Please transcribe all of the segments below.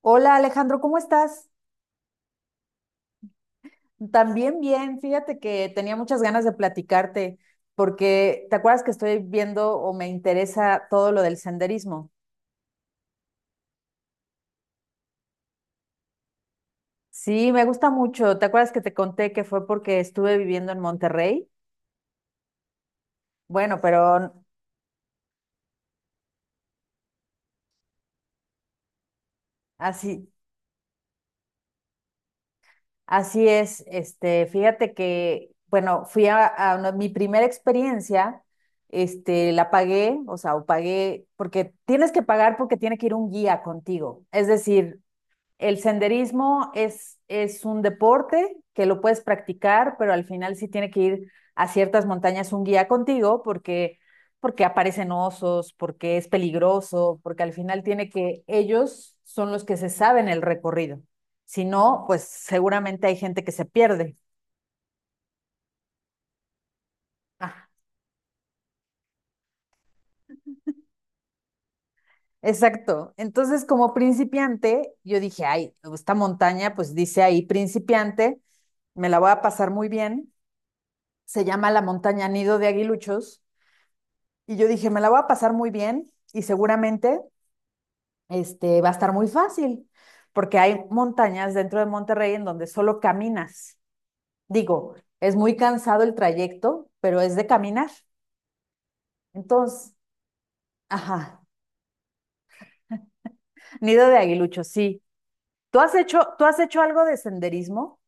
Hola Alejandro, ¿cómo estás? También bien, fíjate que tenía muchas ganas de platicarte porque te acuerdas que estoy viendo o me interesa todo lo del senderismo. Sí, me gusta mucho. ¿Te acuerdas que te conté que fue porque estuve viviendo en Monterrey? Bueno, pero así, así es. Fíjate que, bueno, fui a mi primera experiencia. La pagué, o sea, o pagué, porque tienes que pagar porque tiene que ir un guía contigo. Es decir, el senderismo es un deporte que lo puedes practicar, pero al final sí tiene que ir a ciertas montañas un guía contigo, porque aparecen osos, porque es peligroso, porque al final tiene que, ellos son los que se saben el recorrido. Si no, pues seguramente hay gente que se pierde. Ah, exacto. Entonces, como principiante, yo dije, ay, esta montaña, pues dice ahí principiante, me la voy a pasar muy bien. Se llama la montaña Nido de Aguiluchos. Y yo dije, me la voy a pasar muy bien y seguramente va a estar muy fácil, porque hay montañas dentro de Monterrey en donde solo caminas. Digo, es muy cansado el trayecto, pero es de caminar. Entonces, ajá, nido de aguilucho, sí. ¿Tú has hecho algo de senderismo,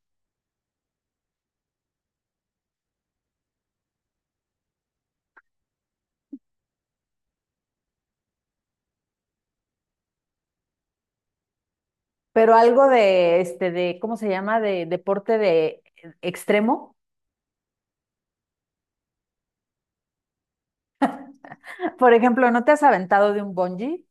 pero algo de, cómo se llama? De deporte de extremo. Por ejemplo, ¿no te has aventado de un bungee?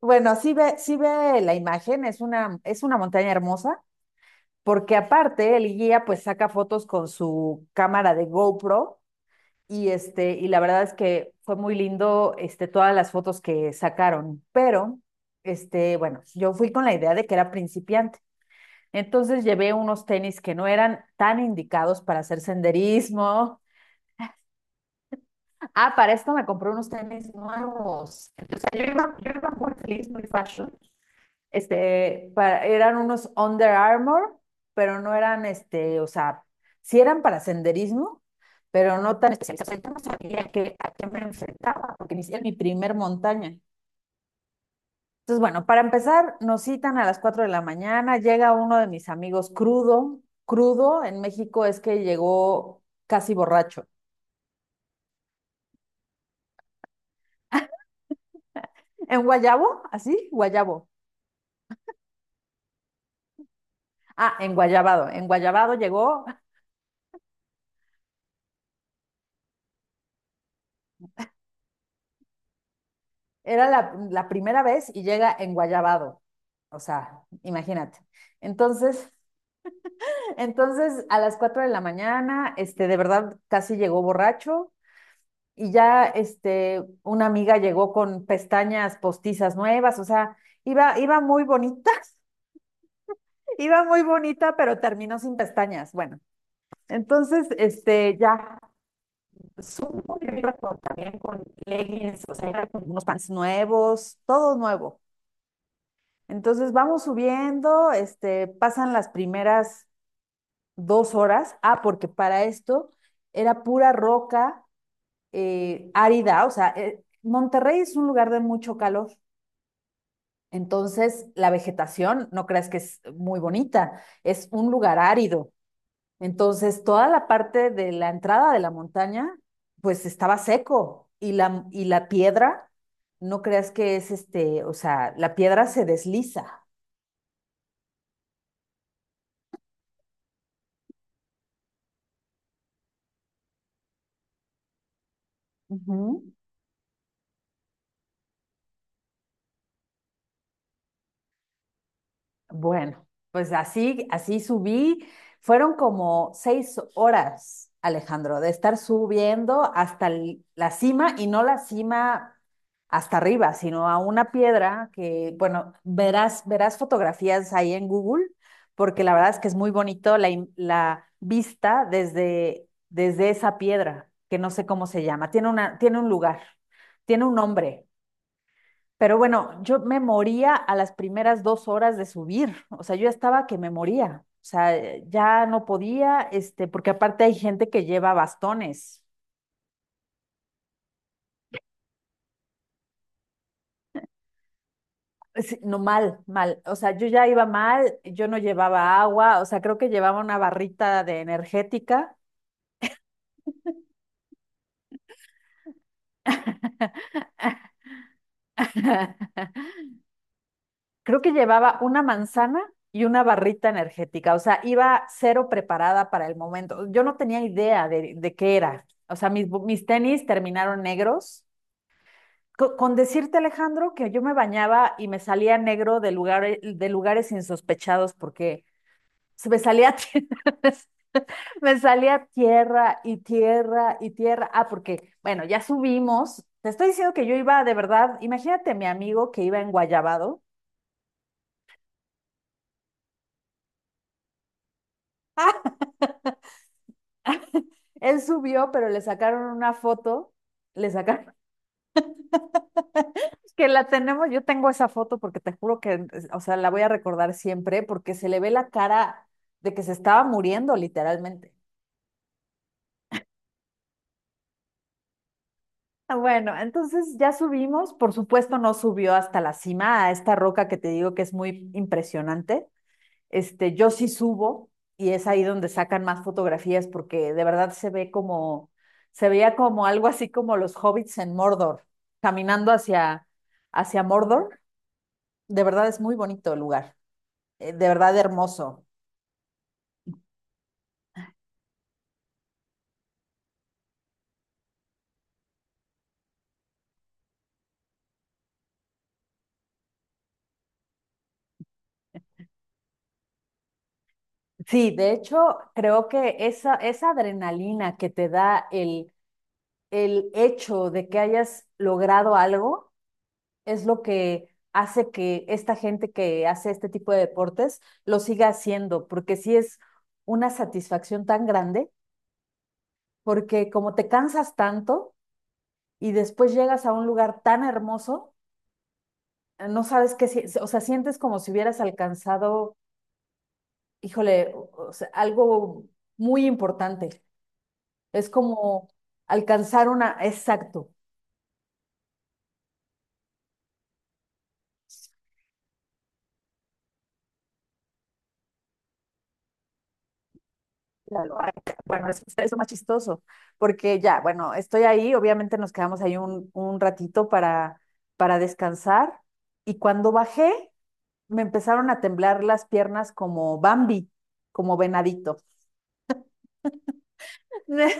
Bueno, sí ve la imagen, es una montaña hermosa, porque aparte el guía pues saca fotos con su cámara de GoPro, y y la verdad es que fue muy lindo, todas las fotos que sacaron. Pero bueno, yo fui con la idea de que era principiante. Entonces llevé unos tenis que no eran tan indicados para hacer senderismo. Ah, para esto me compré unos tenis nuevos. Entonces yo iba muy feliz, muy fashion, para, eran unos Under Armour, pero no eran, o sea, sí eran para senderismo, pero no tan especializados. Yo no sabía que, a qué me enfrentaba, porque inicié mi primer montaña. Entonces, bueno, para empezar, nos citan a las 4 de la mañana, llega uno de mis amigos crudo, crudo en México es que llegó casi borracho. ¿En Guayabo? ¿Así? Guayabo. Ah, en Guayabado. En Guayabado llegó. Era la primera vez y llega enguayabado. O sea, imagínate. Entonces, entonces a las 4 de la mañana, de verdad casi llegó borracho, y ya una amiga llegó con pestañas postizas nuevas, o sea, iba muy bonita, iba muy bonita, pero terminó sin pestañas. Bueno, entonces, ya supo que iba con, también con leggings, o sea, iba con unos pants nuevos, todo nuevo. Entonces vamos subiendo, pasan las primeras 2 horas. Ah, porque para esto era pura roca, árida, o sea, Monterrey es un lugar de mucho calor. Entonces, la vegetación, no creas que es muy bonita, es un lugar árido. Entonces, toda la parte de la entrada de la montaña, pues estaba seco y y la piedra, no creas que es o sea, la piedra se desliza. Ujú. Bueno, pues así subí. Fueron como 6 horas, Alejandro, de estar subiendo hasta la cima, y no la cima hasta arriba, sino a una piedra que, bueno, verás fotografías ahí en Google, porque la verdad es que es muy bonito la vista desde esa piedra, que no sé cómo se llama. Tiene una, tiene un lugar, tiene un nombre. Pero bueno, yo me moría a las primeras 2 horas de subir, o sea, yo ya estaba que me moría, o sea, ya no podía, porque aparte hay gente que lleva bastones. Sí, no, mal, mal. O sea, yo ya iba mal, yo no llevaba agua, o sea, creo que llevaba una barrita de energética, creo que llevaba una manzana y una barrita energética, o sea, iba cero preparada para el momento. Yo no tenía idea de qué era. O sea, mis, mis tenis terminaron negros. Con decirte, Alejandro, que yo me bañaba y me salía negro de lugares insospechados porque se me salía, me salía tierra y tierra y tierra. Ah, porque, bueno, ya subimos. Te estoy diciendo que yo iba de verdad, imagínate mi amigo que iba en Guayabado. Él subió, pero le sacaron una foto, le sacaron que la tenemos, yo tengo esa foto porque te juro que, o sea, la voy a recordar siempre porque se le ve la cara de que se estaba muriendo literalmente. Ah, bueno, entonces ya subimos, por supuesto no subió hasta la cima, a esta roca que te digo que es muy impresionante. Yo sí subo y es ahí donde sacan más fotografías porque de verdad se ve como, se veía como algo así como los hobbits en Mordor, caminando hacia, hacia Mordor. De verdad es muy bonito el lugar, de verdad hermoso. Sí, de hecho creo que esa adrenalina que te da el hecho de que hayas logrado algo es lo que hace que esta gente que hace este tipo de deportes lo siga haciendo, porque sí es una satisfacción tan grande, porque como te cansas tanto y después llegas a un lugar tan hermoso, no sabes qué, o sea, sientes como si hubieras alcanzado, híjole, o sea, algo muy importante. Es como alcanzar una, exacto. La loaca. Bueno, eso es más chistoso, porque ya, bueno, estoy ahí, obviamente nos quedamos ahí un ratito para descansar, y cuando bajé me empezaron a temblar las piernas como Bambi, como venadito. Me,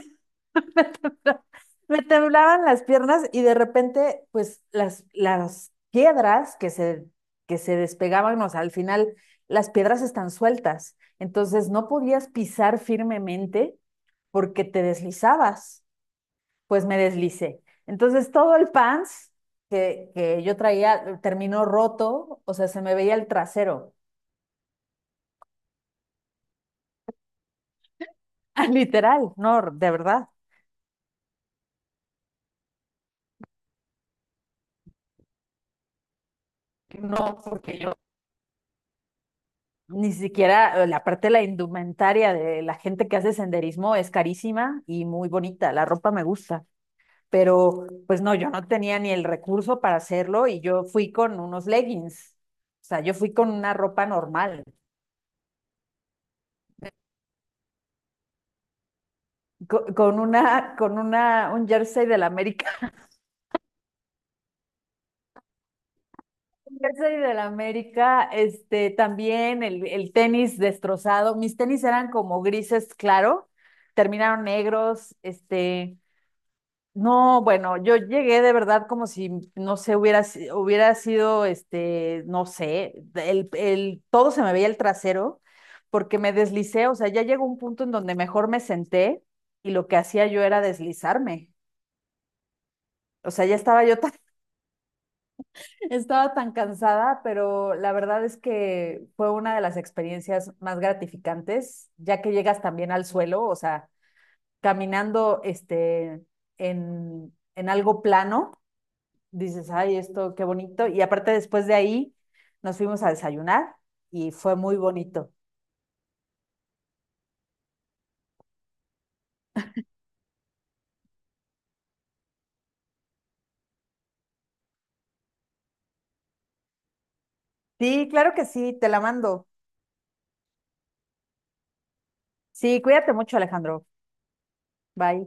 me temblaban las piernas y de repente, pues las piedras que se despegaban, o sea, al final las piedras están sueltas, entonces no podías pisar firmemente porque te deslizabas. Pues me deslicé. Entonces todo el pants que yo traía terminó roto, o sea, se me veía el trasero, literal, no, de verdad. No, porque yo ni siquiera la parte de la indumentaria de la gente que hace senderismo es carísima y muy bonita, la ropa me gusta, pero pues no, yo no tenía ni el recurso para hacerlo, y yo fui con unos leggings, o sea, yo fui con una ropa normal, con una, un jersey del América. Yo soy del América, también el tenis destrozado. Mis tenis eran como grises, claro, terminaron negros, no, bueno, yo llegué de verdad como si, no sé, hubiera, hubiera sido, no sé, todo se me veía el trasero porque me deslicé, o sea, ya llegó un punto en donde mejor me senté y lo que hacía yo era deslizarme. O sea, ya estaba yo. Estaba tan cansada, pero la verdad es que fue una de las experiencias más gratificantes, ya que llegas también al suelo, o sea, caminando en algo plano, dices, ay, esto qué bonito. Y aparte después de ahí nos fuimos a desayunar y fue muy bonito. Sí, claro que sí, te la mando. Sí, cuídate mucho, Alejandro. Bye.